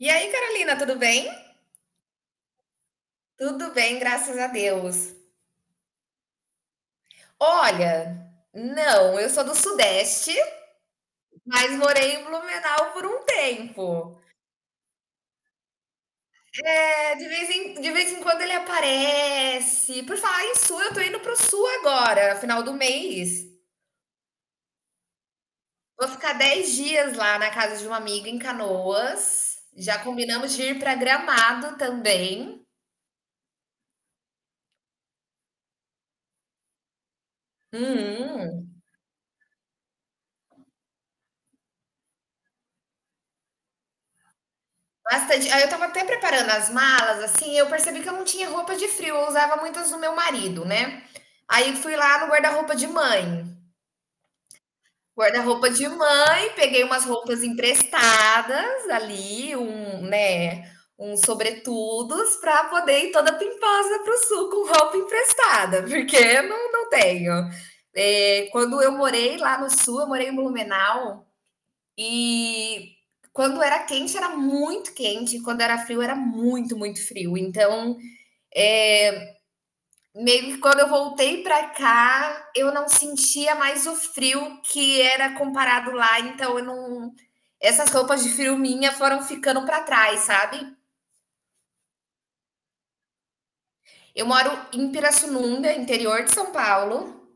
E aí, Carolina, tudo bem? Tudo bem, graças a Deus. Olha, não, eu sou do Sudeste, mas morei em Blumenau por um tempo. É, de vez em quando ele aparece. Por falar em Sul, eu tô indo pro Sul agora, final do mês. Vou ficar 10 dias lá na casa de uma amiga em Canoas. Já combinamos de ir para Gramado também. Uhum. Bastante. Aí eu estava até preparando as malas, assim, eu percebi que eu não tinha roupa de frio, eu usava muitas do meu marido, né. Aí fui lá no guarda-roupa de mãe, peguei umas roupas emprestadas ali, um né, uns sobretudos para poder ir toda pimposa pro sul com roupa emprestada, porque eu não tenho. Quando eu morei lá no sul, eu morei em Blumenau, e quando era quente, era muito quente, e quando era frio, era muito, muito frio. Então, é, meio que quando eu voltei para cá, eu não sentia mais o frio que era comparado lá, então eu não essas roupas de frio minha foram ficando para trás, sabe? Eu moro em Pirassununga, interior de São Paulo.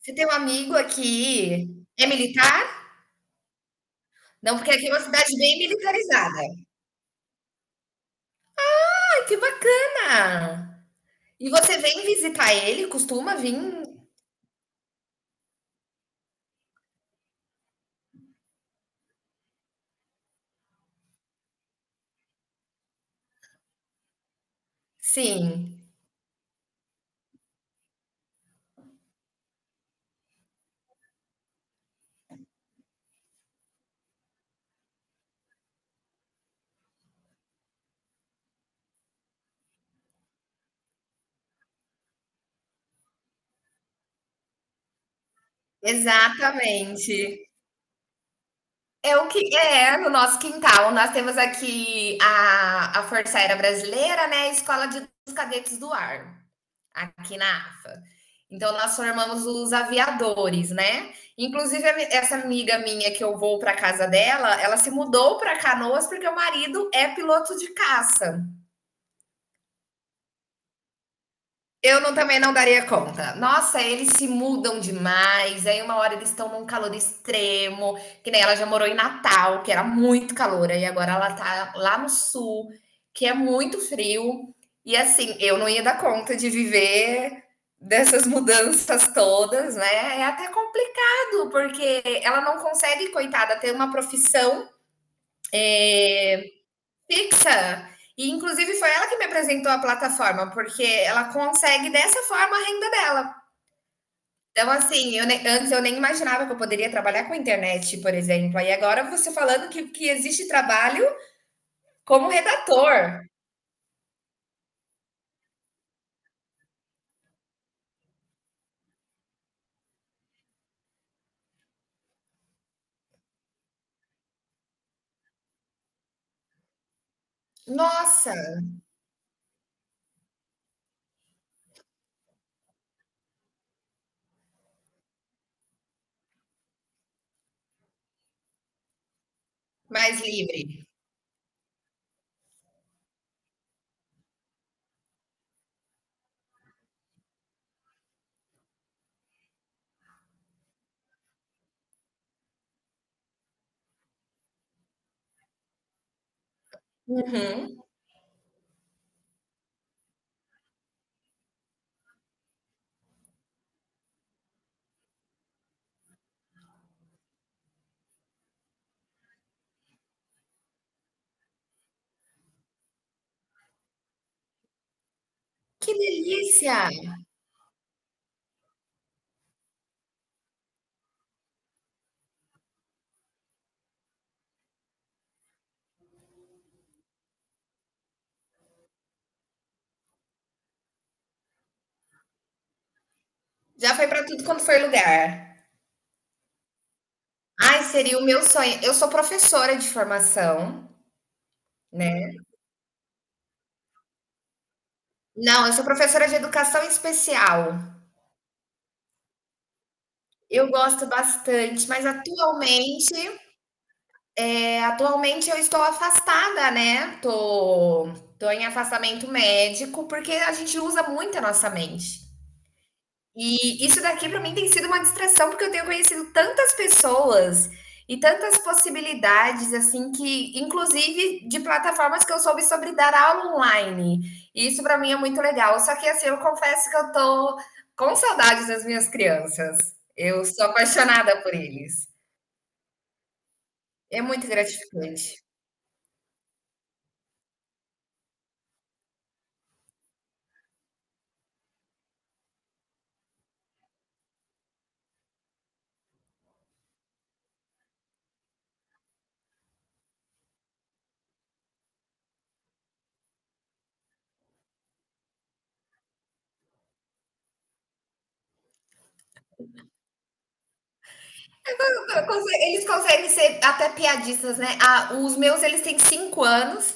Você tem um amigo aqui, é militar? Não, porque aqui é uma cidade bem militarizada. Ai, que bacana! E você vem visitar ele? Costuma vir? Sim, exatamente. É o que é no nosso quintal. Nós temos aqui a Força Aérea Brasileira, né? A Escola de, dos Cadetes do Ar, aqui na AFA. Então, nós formamos os aviadores, né? Inclusive, essa amiga minha que eu vou para casa dela, ela se mudou para Canoas porque o marido é piloto de caça. Eu não, também não daria conta. Nossa, eles se mudam demais. Aí uma hora eles estão num calor extremo, que nem ela já morou em Natal, que era muito calor, e agora ela tá lá no sul, que é muito frio. E assim, eu não ia dar conta de viver dessas mudanças todas, né? É até complicado, porque ela não consegue, coitada, ter uma profissão é, fixa. E inclusive foi ela que me apresentou a plataforma, porque ela consegue dessa forma a renda dela. Então, assim, eu nem, antes eu nem imaginava que eu poderia trabalhar com internet, por exemplo. Aí agora você falando que existe trabalho como redator. Nossa, mais livre. Uhum. Que delícia! Já foi para tudo quanto foi lugar. Ai, seria o meu sonho. Eu sou professora de formação, né? Não, eu sou professora de educação especial. Eu gosto bastante, mas atualmente, atualmente eu estou afastada, né, tô em afastamento médico, porque a gente usa muito a nossa mente. E isso daqui para mim tem sido uma distração, porque eu tenho conhecido tantas pessoas e tantas possibilidades, assim, que inclusive de plataformas que eu soube sobre dar aula online. E isso para mim é muito legal, só que, assim, eu confesso que eu tô com saudades das minhas crianças. Eu sou apaixonada por eles. É muito gratificante. Eles conseguem ser até piadistas, né? Ah, os meus, eles têm 5 anos.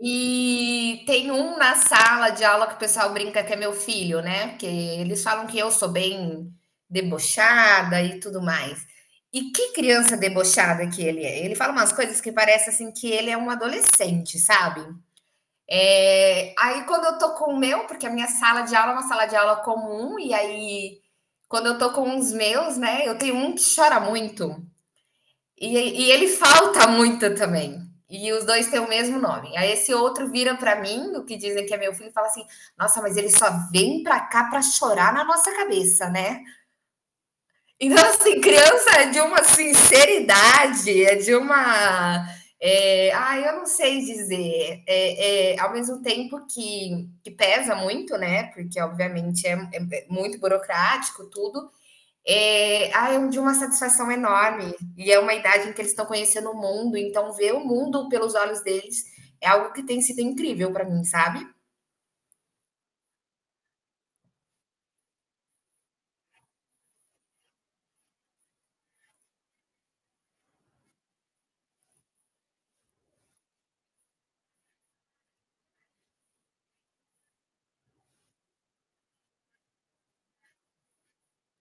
E tem um na sala de aula que o pessoal brinca que é meu filho, né? Porque eles falam que eu sou bem debochada e tudo mais. E que criança debochada que ele é! Ele fala umas coisas que parece assim que ele é um adolescente, sabe? É, aí quando eu tô com o meu, porque a minha sala de aula é uma sala de aula comum, e aí quando eu tô com os meus, né, eu tenho um que chora muito, e, ele falta muito também. E os dois têm o mesmo nome. Aí esse outro vira para mim, o que dizem que é meu filho, e fala assim: "Nossa, mas ele só vem para cá para chorar na nossa cabeça, né?" Então, assim, criança é de uma sinceridade, é de uma. É, ah, eu não sei dizer. Ao mesmo tempo que pesa muito, né? Porque, obviamente, é muito burocrático tudo. É, ah, é de uma satisfação enorme. E é uma idade em que eles estão conhecendo o mundo, então ver o mundo pelos olhos deles é algo que tem sido incrível para mim, sabe?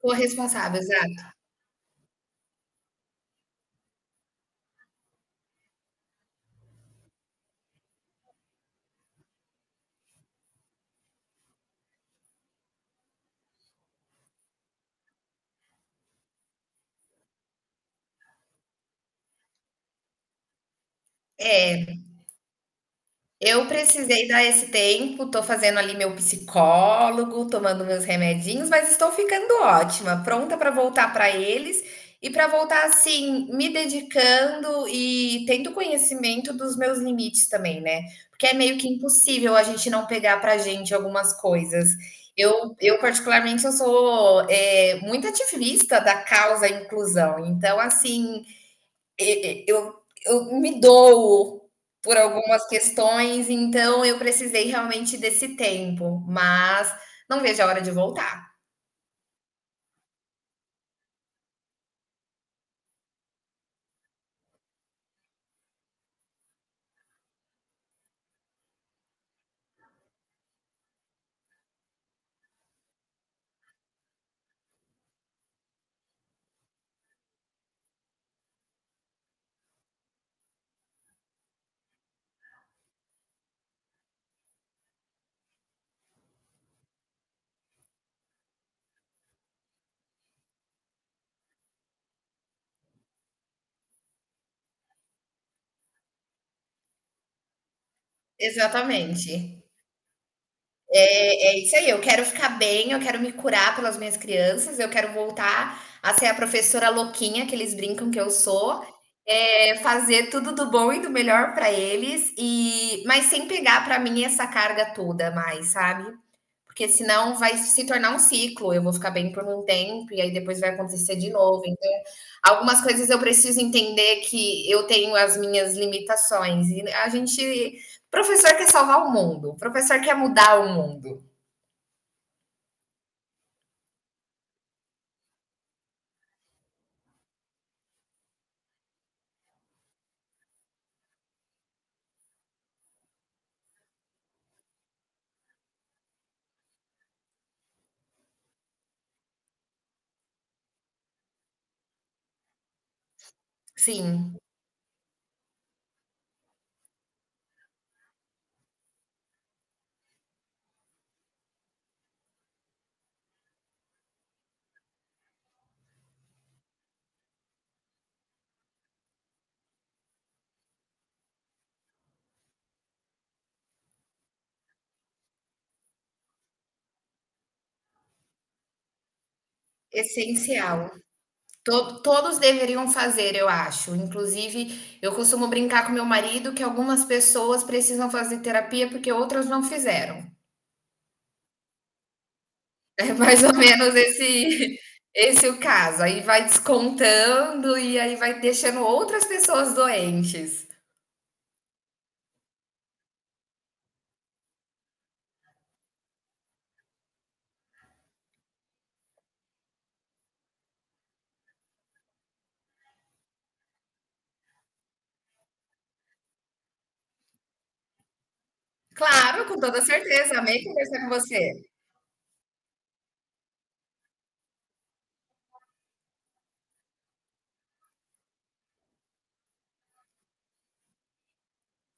Corresponsável, exato. É, eu precisei dar esse tempo, tô fazendo ali meu psicólogo, tomando meus remedinhos, mas estou ficando ótima, pronta para voltar para eles e para voltar assim, me dedicando e tendo conhecimento dos meus limites também, né? Porque é meio que impossível a gente não pegar para gente algumas coisas. Eu particularmente, eu sou é, muito ativista da causa inclusão. Então, assim, e eu me dou por algumas questões, então eu precisei realmente desse tempo, mas não vejo a hora de voltar. Exatamente. É isso aí, eu quero ficar bem, eu quero me curar pelas minhas crianças, eu quero voltar a ser a professora louquinha que eles brincam que eu sou, fazer tudo do bom e do melhor para eles e mas sem pegar para mim essa carga toda mais, sabe? Porque senão vai se tornar um ciclo, eu vou ficar bem por um tempo e aí depois vai acontecer de novo. Então, algumas coisas eu preciso entender que eu tenho as minhas limitações. E a gente. Professor quer salvar o mundo, professor quer mudar o mundo. Sim, essencial. Todos deveriam fazer, eu acho. Inclusive, eu costumo brincar com meu marido que algumas pessoas precisam fazer terapia porque outras não fizeram. É mais ou menos esse o caso. Aí vai descontando e aí vai deixando outras pessoas doentes. Claro, com toda certeza, amei conversar com você.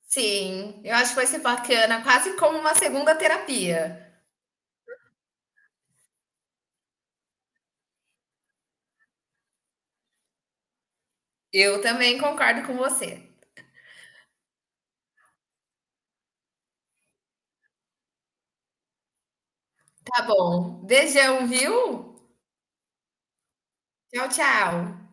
Sim, eu acho que vai ser bacana, quase como uma segunda terapia. Eu também concordo com você. Tá bom. Beijão, viu? Tchau, tchau.